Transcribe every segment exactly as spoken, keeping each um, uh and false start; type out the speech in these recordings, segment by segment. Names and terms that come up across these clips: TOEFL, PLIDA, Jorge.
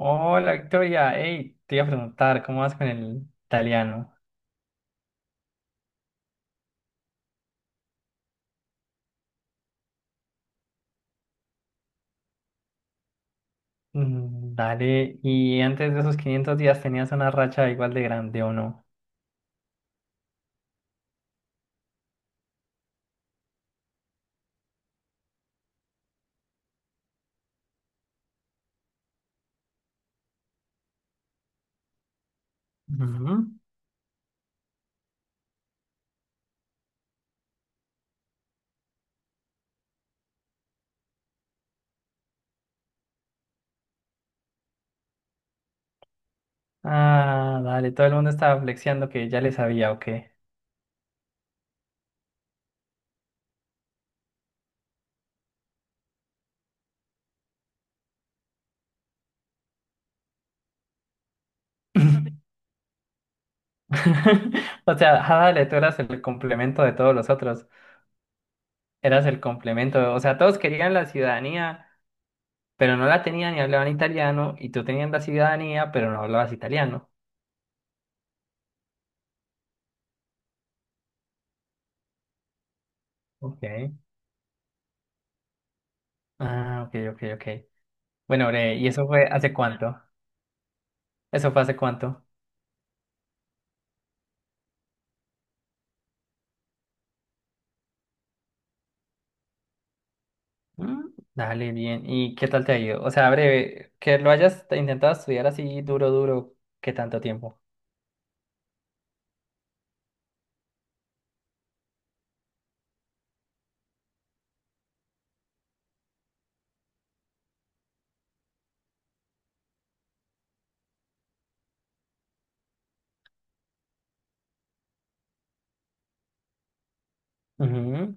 Hola Victoria, hey, te iba a preguntar, ¿cómo vas con el italiano? Mm, Dale, ¿y antes de esos quinientos días tenías una racha igual de grande o no? Ujú. Ah, dale, todo el mundo estaba flexiando que ya le sabía o qué. O sea, ah, dale, tú eras el complemento de todos los otros, eras el complemento, o sea, todos querían la ciudadanía, pero no la tenían y hablaban italiano, y tú tenías la ciudadanía, pero no hablabas italiano. Ok. Ah, ok, ok, ok. Bueno, bre, ¿y eso fue hace cuánto? ¿Eso fue hace cuánto? Mm, Dale, bien. ¿Y qué tal te ha ido? O sea, breve, que lo hayas intentado estudiar así duro, duro, ¿qué tanto tiempo? Ujú.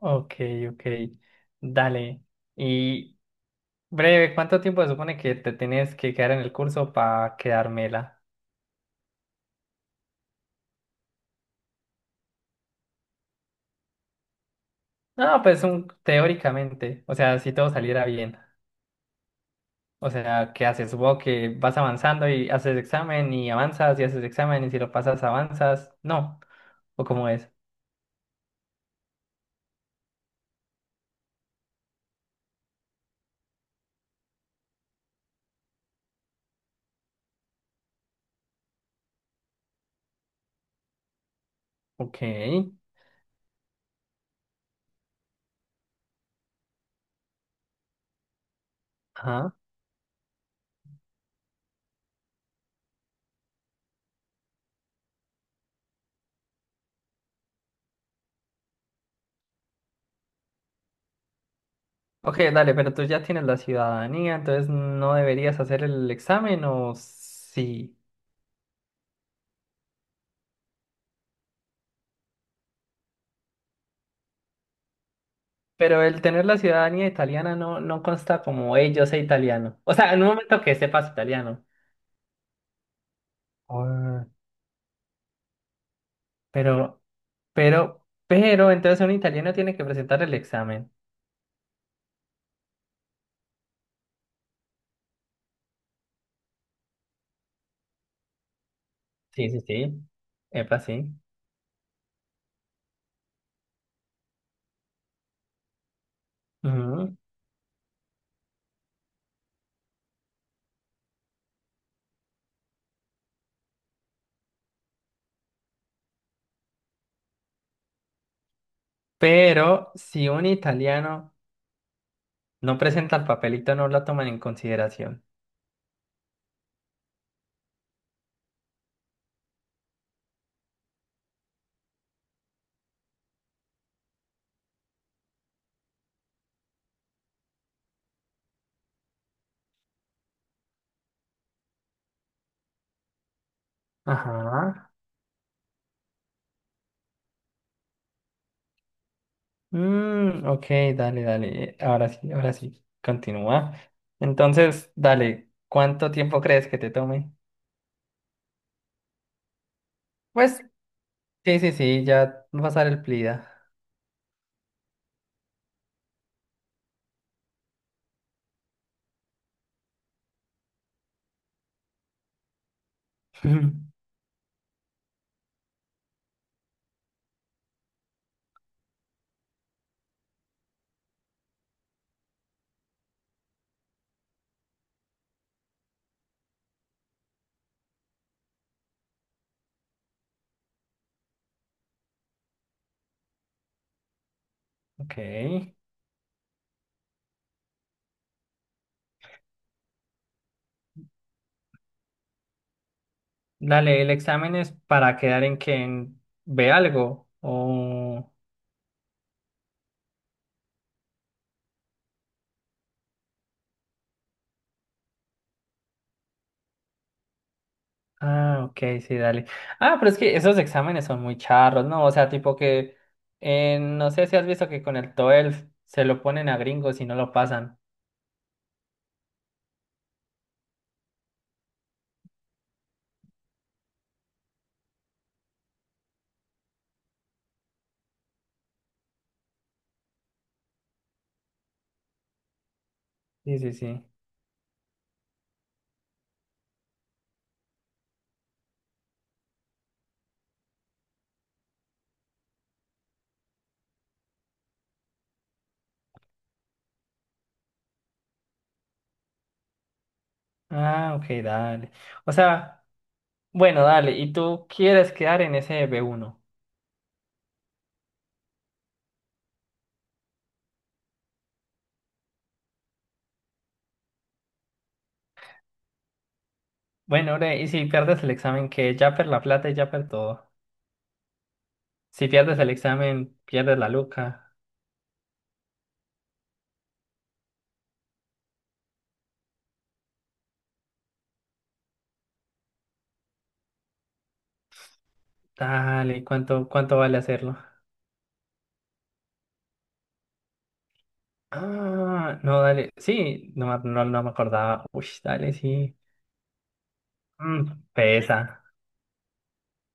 Ok, ok. Dale. Y breve, ¿cuánto tiempo se supone que te tienes que quedar en el curso para quedármela? No, pues un, teóricamente. O sea, si todo saliera bien. O sea, ¿qué haces? Supongo que vas avanzando y haces examen y avanzas y haces examen y si lo pasas avanzas. No. ¿O cómo es? Ok. Ajá. Ok, dale, pero tú ya tienes la ciudadanía, entonces no deberías hacer el examen o sí. Pero el tener la ciudadanía italiana no, no consta como, hey, yo sé italiano. O sea, en un momento que sepas italiano. Ah, Pero, pero, pero, entonces un italiano tiene que presentar el examen. Sí, sí, sí. Epa, sí. Ujú. Pero si un italiano no presenta el papelito, no lo toman en consideración. Ajá. Mm, ok, dale, dale. eh, Ahora sí, ahora sí. Continúa. Entonces, dale, ¿cuánto tiempo crees que te tome? Pues, sí, sí, sí, ya va a pasar el PLIDA. Ok. Dale, ¿el examen es para quedar en quien ve algo? O... Ah, ok, sí, dale. Ah, pero es que esos exámenes son muy charros, ¿no? O sea, tipo que... eh, no sé si has visto que con el TOEFL se lo ponen a gringos y no lo pasan. Sí, sí, sí. Ah, ok, dale. O sea, bueno, dale, y tú quieres quedar en ese b uno. Bueno, bre, y si pierdes el examen, que ya per la plata y ya per todo. Si pierdes el examen, pierdes la luca. Dale, ¿cuánto, cuánto vale hacerlo? Ah, no, dale. Sí, no, me- no, no me acordaba. Uy, dale, sí. Mm, pesa.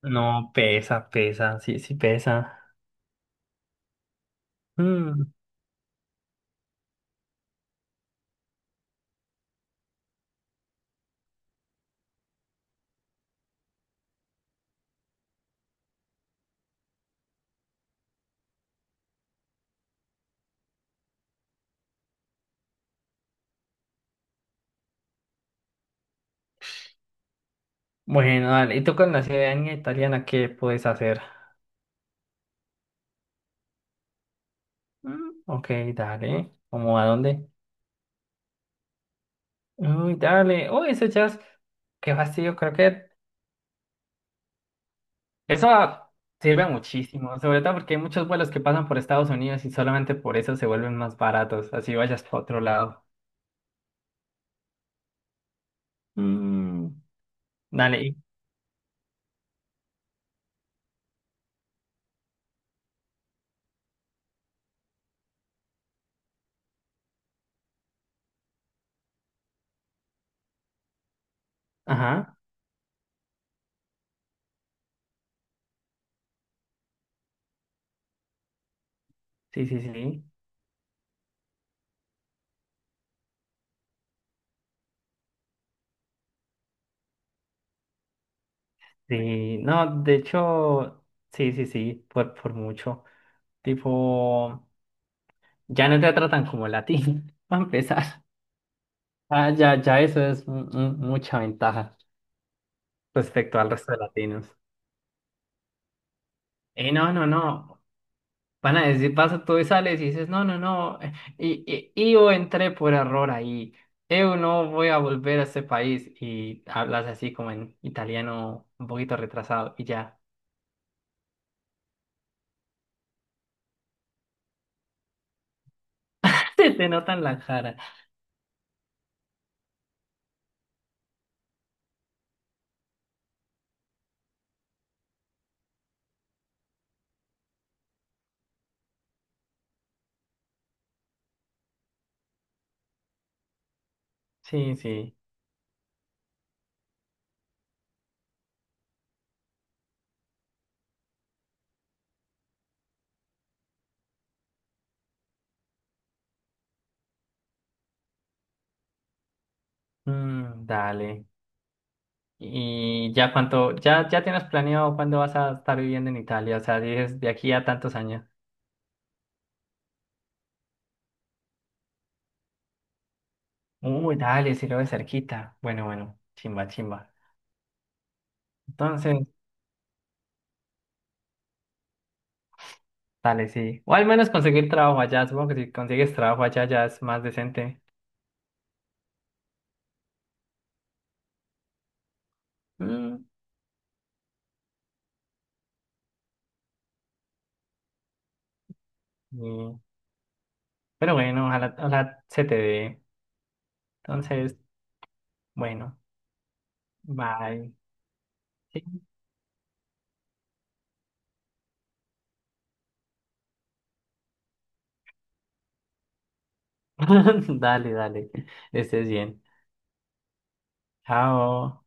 No, pesa, pesa. Sí, sí, pesa. Mm, Bueno, dale. ¿Y tú con la ciudadanía italiana qué puedes hacer? Mm, ok, dale. ¿Cómo a dónde? Uy, dale. Uy, eso ya es... Qué fastidio, creo que eso sirve muchísimo, sobre todo porque hay muchos vuelos que pasan por Estados Unidos y solamente por eso se vuelven más baratos, así vayas para otro lado. Mm, Dale. y- Ajá. Sí, sí, sí. Sí, no, de hecho, sí, sí, sí, por, por mucho. Tipo, ya no te tratan como latino, para empezar. Ah, ya, ya eso es un- un- mucha ventaja respecto al resto de latinos. Y no, no, no. Van a decir, vas tú y sales y dices, no, no, no, eh, y, y, y yo entré por error ahí, yo no voy a volver a este país y hablas así como en italiano un poquito retrasado y ya, se te notan la cara. Sí, sí. Mm, dale. Y ya cuánto, ya, ya tienes planeado cuándo vas a estar viviendo en Italia, o sea, dices de aquí a tantos años. Uy, dale, si lo ves cerquita. Bueno, bueno, chimba, chimba. Entonces... Dale, sí. O al menos conseguir trabajo allá. Supongo que si consigues trabajo allá ya es más decente. Mm, y- Pero bueno, ojalá, ojalá se te dé. Entonces, bueno, bye. Sí. Dale, dale. Estés bien. Chao.